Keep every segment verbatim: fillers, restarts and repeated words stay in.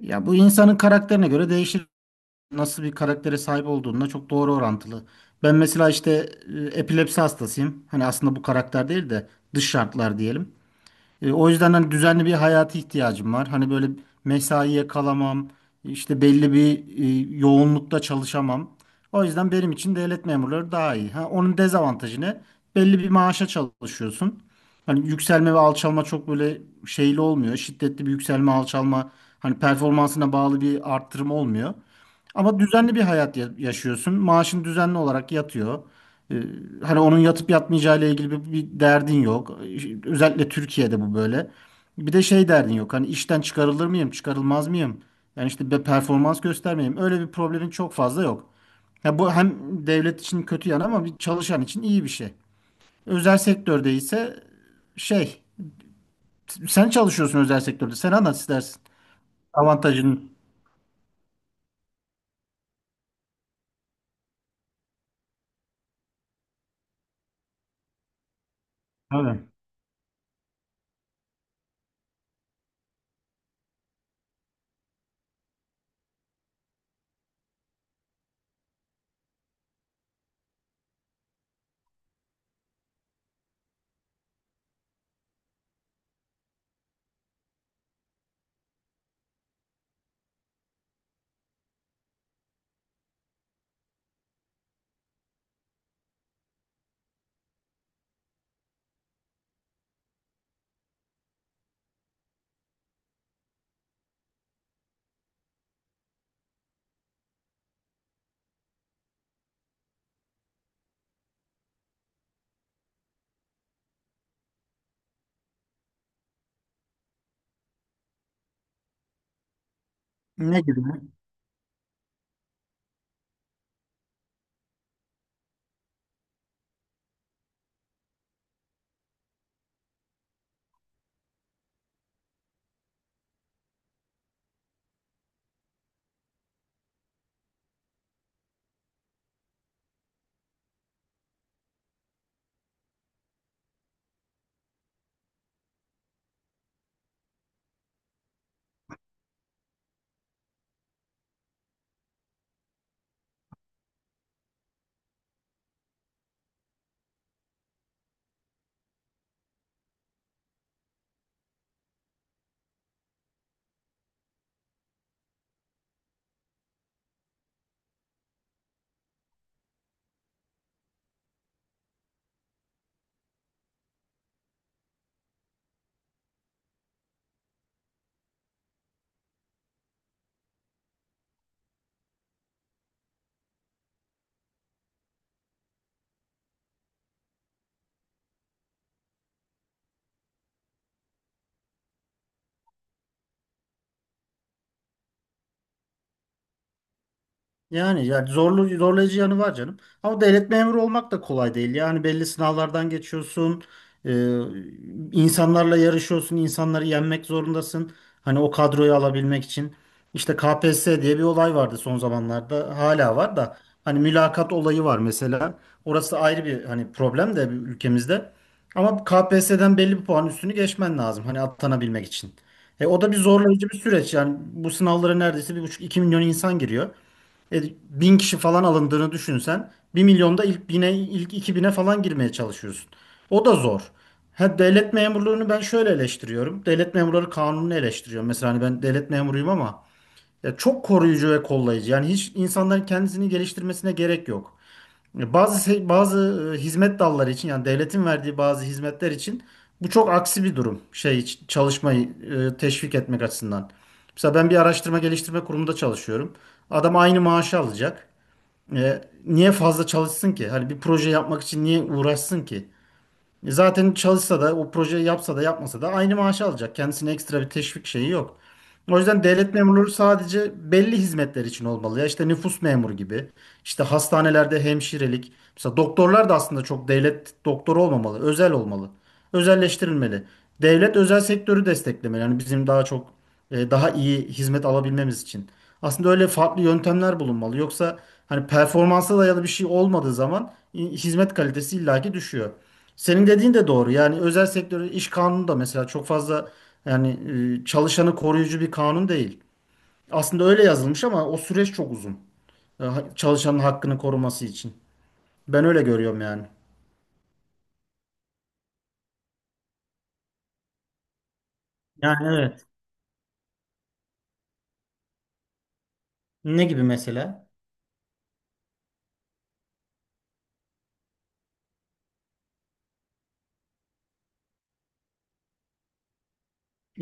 Ya bu insanın karakterine göre değişir. Nasıl bir karaktere sahip olduğuna çok doğru orantılı. Ben mesela işte e, epilepsi hastasıyım. Hani aslında bu karakter değil de dış şartlar diyelim. E, o yüzden hani düzenli bir hayata ihtiyacım var. Hani böyle mesaiye kalamam, işte belli bir e, yoğunlukta çalışamam. O yüzden benim için devlet memurları daha iyi. Ha, onun dezavantajı ne? Belli bir maaşa çalışıyorsun. Hani yükselme ve alçalma çok böyle şeyli olmuyor. Şiddetli bir yükselme, alçalma, hani performansına bağlı bir arttırım olmuyor. Ama düzenli bir hayat ya- yaşıyorsun. Maaşın düzenli olarak yatıyor. Ee, Hani onun yatıp yatmayacağı ile ilgili bir, bir derdin yok. Ee, Özellikle Türkiye'de bu böyle. Bir de şey derdin yok. Hani işten çıkarılır mıyım, çıkarılmaz mıyım? Yani işte bir performans göstermeyeyim. Öyle bir problemin çok fazla yok. Ya bu hem devlet için kötü yanı ama bir çalışan için iyi bir şey. Özel sektörde ise şey, sen çalışıyorsun özel sektörde. Sen anlat istersin. Avantajın. Tabii. Ne gibi? Yani yani zorlu zorlayıcı yanı var canım. Ama devlet memuru olmak da kolay değil. Yani belli sınavlardan geçiyorsun. e, insanlarla yarışıyorsun. İnsanları yenmek zorundasın. Hani o kadroyu alabilmek için. İşte K P S S diye bir olay vardı son zamanlarda. Hala var da. Hani mülakat olayı var mesela. Orası ayrı bir hani problem de ülkemizde. Ama K P S S'den belli bir puan üstünü geçmen lazım. Hani atanabilmek için. E, o da bir zorlayıcı bir süreç. Yani bu sınavlara neredeyse bir buçuk iki milyon insan giriyor. E, Bin kişi falan alındığını düşünsen bir milyonda ilk bine ilk iki bine falan girmeye çalışıyorsun. O da zor. Ha, devlet memurluğunu ben şöyle eleştiriyorum. Devlet memurları kanununu eleştiriyorum. Mesela hani ben devlet memuruyum ama ya çok koruyucu ve kollayıcı. Yani hiç insanların kendisini geliştirmesine gerek yok. Bazı bazı e, hizmet dalları için yani devletin verdiği bazı hizmetler için bu çok aksi bir durum. Şey ç- çalışmayı e, teşvik etmek açısından. Mesela ben bir araştırma geliştirme kurumunda çalışıyorum. Adam aynı maaşı alacak. E, niye fazla çalışsın ki? Hani bir proje yapmak için niye uğraşsın ki? E Zaten çalışsa da o projeyi yapsa da yapmasa da aynı maaşı alacak. Kendisine ekstra bir teşvik şeyi yok. O yüzden devlet memurları sadece belli hizmetler için olmalı. Ya işte nüfus memuru gibi, işte hastanelerde hemşirelik. Mesela doktorlar da aslında çok devlet doktoru olmamalı, özel olmalı. Özelleştirilmeli. Devlet özel sektörü desteklemeli. Yani bizim daha çok e, daha iyi hizmet alabilmemiz için. Aslında öyle farklı yöntemler bulunmalı. Yoksa hani performansa dayalı bir şey olmadığı zaman i- hizmet kalitesi illaki düşüyor. Senin dediğin de doğru. Yani özel sektörün iş kanunu da mesela çok fazla yani e, çalışanı koruyucu bir kanun değil. Aslında öyle yazılmış ama o süreç çok uzun. E, ha- Çalışanın hakkını koruması için. Ben öyle görüyorum yani. Yani evet. Ne gibi mesela?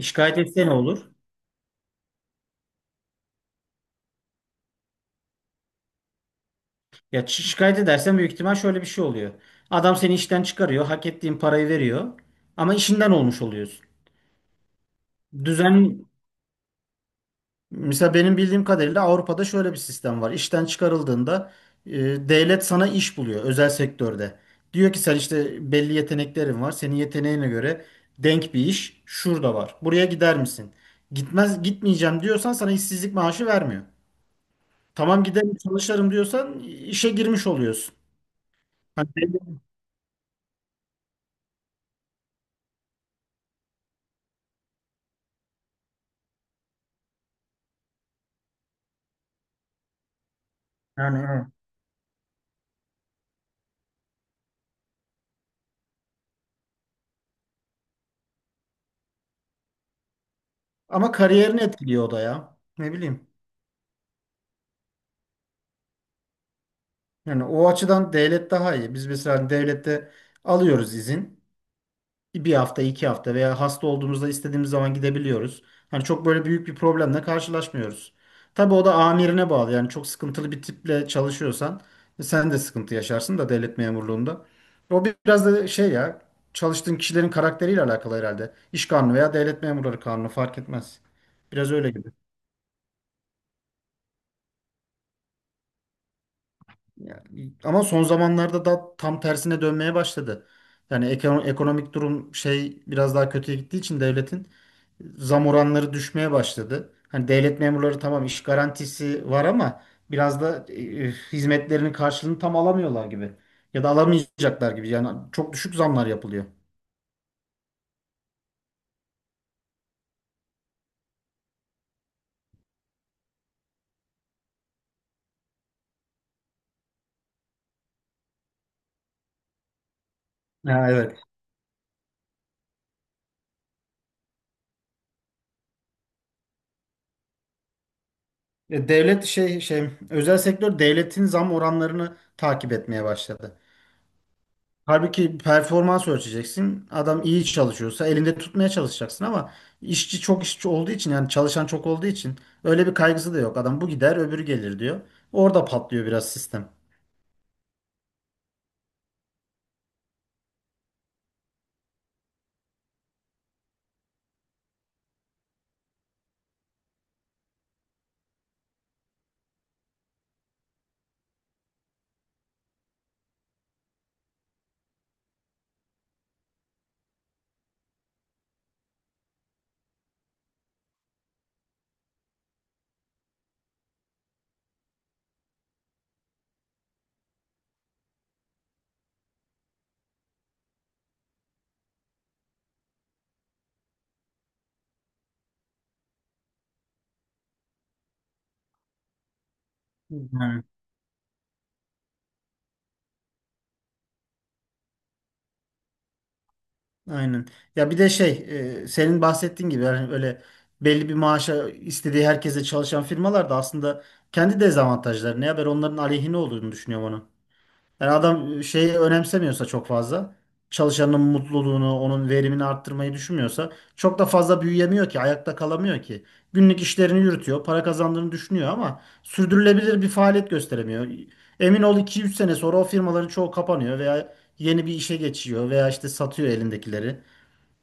Şikayet etse ne olur? Ya şi- şikayet edersen büyük ihtimal şöyle bir şey oluyor. Adam seni işten çıkarıyor, hak ettiğin parayı veriyor ama işinden olmuş oluyorsun. Düzen mesela benim bildiğim kadarıyla Avrupa'da şöyle bir sistem var. İşten çıkarıldığında e, devlet sana iş buluyor özel sektörde. Diyor ki sen işte belli yeteneklerin var. Senin yeteneğine göre denk bir iş şurada var. Buraya gider misin? Gitmez gitmeyeceğim diyorsan sana işsizlik maaşı vermiyor. Tamam giderim çalışırım diyorsan işe girmiş oluyorsun. Hani belli- yani evet. Ama kariyerini etkiliyor o da ya. Ne bileyim. Yani o açıdan devlet daha iyi. Biz mesela devlette alıyoruz izin. Bir hafta, iki hafta veya hasta olduğumuzda istediğimiz zaman gidebiliyoruz. Hani çok böyle büyük bir problemle karşılaşmıyoruz. Tabii o da amirine bağlı. Yani çok sıkıntılı bir tiple çalışıyorsan sen de sıkıntı yaşarsın da devlet memurluğunda. O biraz da şey ya çalıştığın kişilerin karakteriyle alakalı herhalde. İş kanunu veya devlet memurları kanunu fark etmez. Biraz öyle gibi. Ya, ama son zamanlarda da tam tersine dönmeye başladı. Yani eko- ekonomik durum şey biraz daha kötüye gittiği için devletin zam oranları düşmeye başladı. Hani devlet memurları tamam iş garantisi var ama biraz da e, e, hizmetlerinin karşılığını tam alamıyorlar gibi. Ya da alamayacaklar gibi. Yani çok düşük zamlar yapılıyor. Ha, evet. E, Devlet şey şey özel sektör devletin zam oranlarını takip etmeye başladı. Halbuki performans ölçeceksin. Adam iyi çalışıyorsa elinde tutmaya çalışacaksın ama işçi çok işçi olduğu için yani çalışan çok olduğu için öyle bir kaygısı da yok. Adam bu gider öbürü gelir diyor. Orada patlıyor biraz sistem. Yani, aynen. Ya bir de şey e, senin bahsettiğin gibi yani öyle belli bir maaşa istediği herkese çalışan firmalar da aslında kendi dezavantajları ne haber onların aleyhine olduğunu düşünüyorum. Yani adam şeyi önemsemiyorsa çok fazla çalışanın mutluluğunu, onun verimini arttırmayı düşünmüyorsa çok da fazla büyüyemiyor ki, ayakta kalamıyor ki. Günlük işlerini yürütüyor, para kazandığını düşünüyor ama sürdürülebilir bir faaliyet gösteremiyor. Emin ol iki üç sene sonra o firmaların çoğu kapanıyor veya yeni bir işe geçiyor veya işte satıyor elindekileri.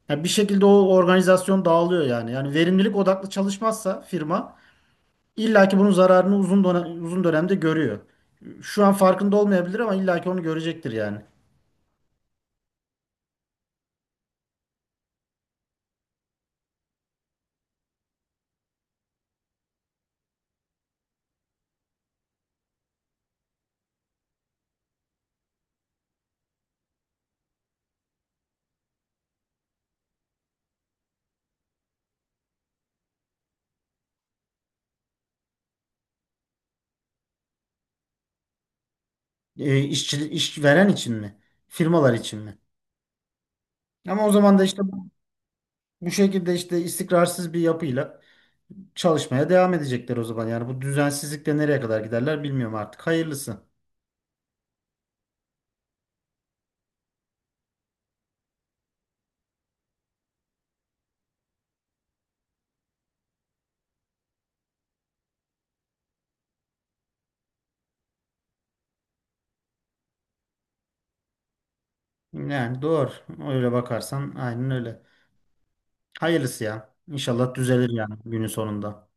Yani bir şekilde o organizasyon dağılıyor yani. Yani verimlilik odaklı çalışmazsa firma İlla ki bunun zararını uzun dönem, uzun dönemde görüyor. Şu an farkında olmayabilir ama illa ki onu görecektir yani. E, işçi, iş veren için mi? Firmalar için mi? Ama o zaman da işte bu bu şekilde işte istikrarsız bir yapıyla çalışmaya devam edecekler o zaman. Yani bu düzensizlikle nereye kadar giderler bilmiyorum artık. Hayırlısı. Yani doğru. Öyle bakarsan aynen öyle. Hayırlısı ya. İnşallah düzelir yani günün sonunda.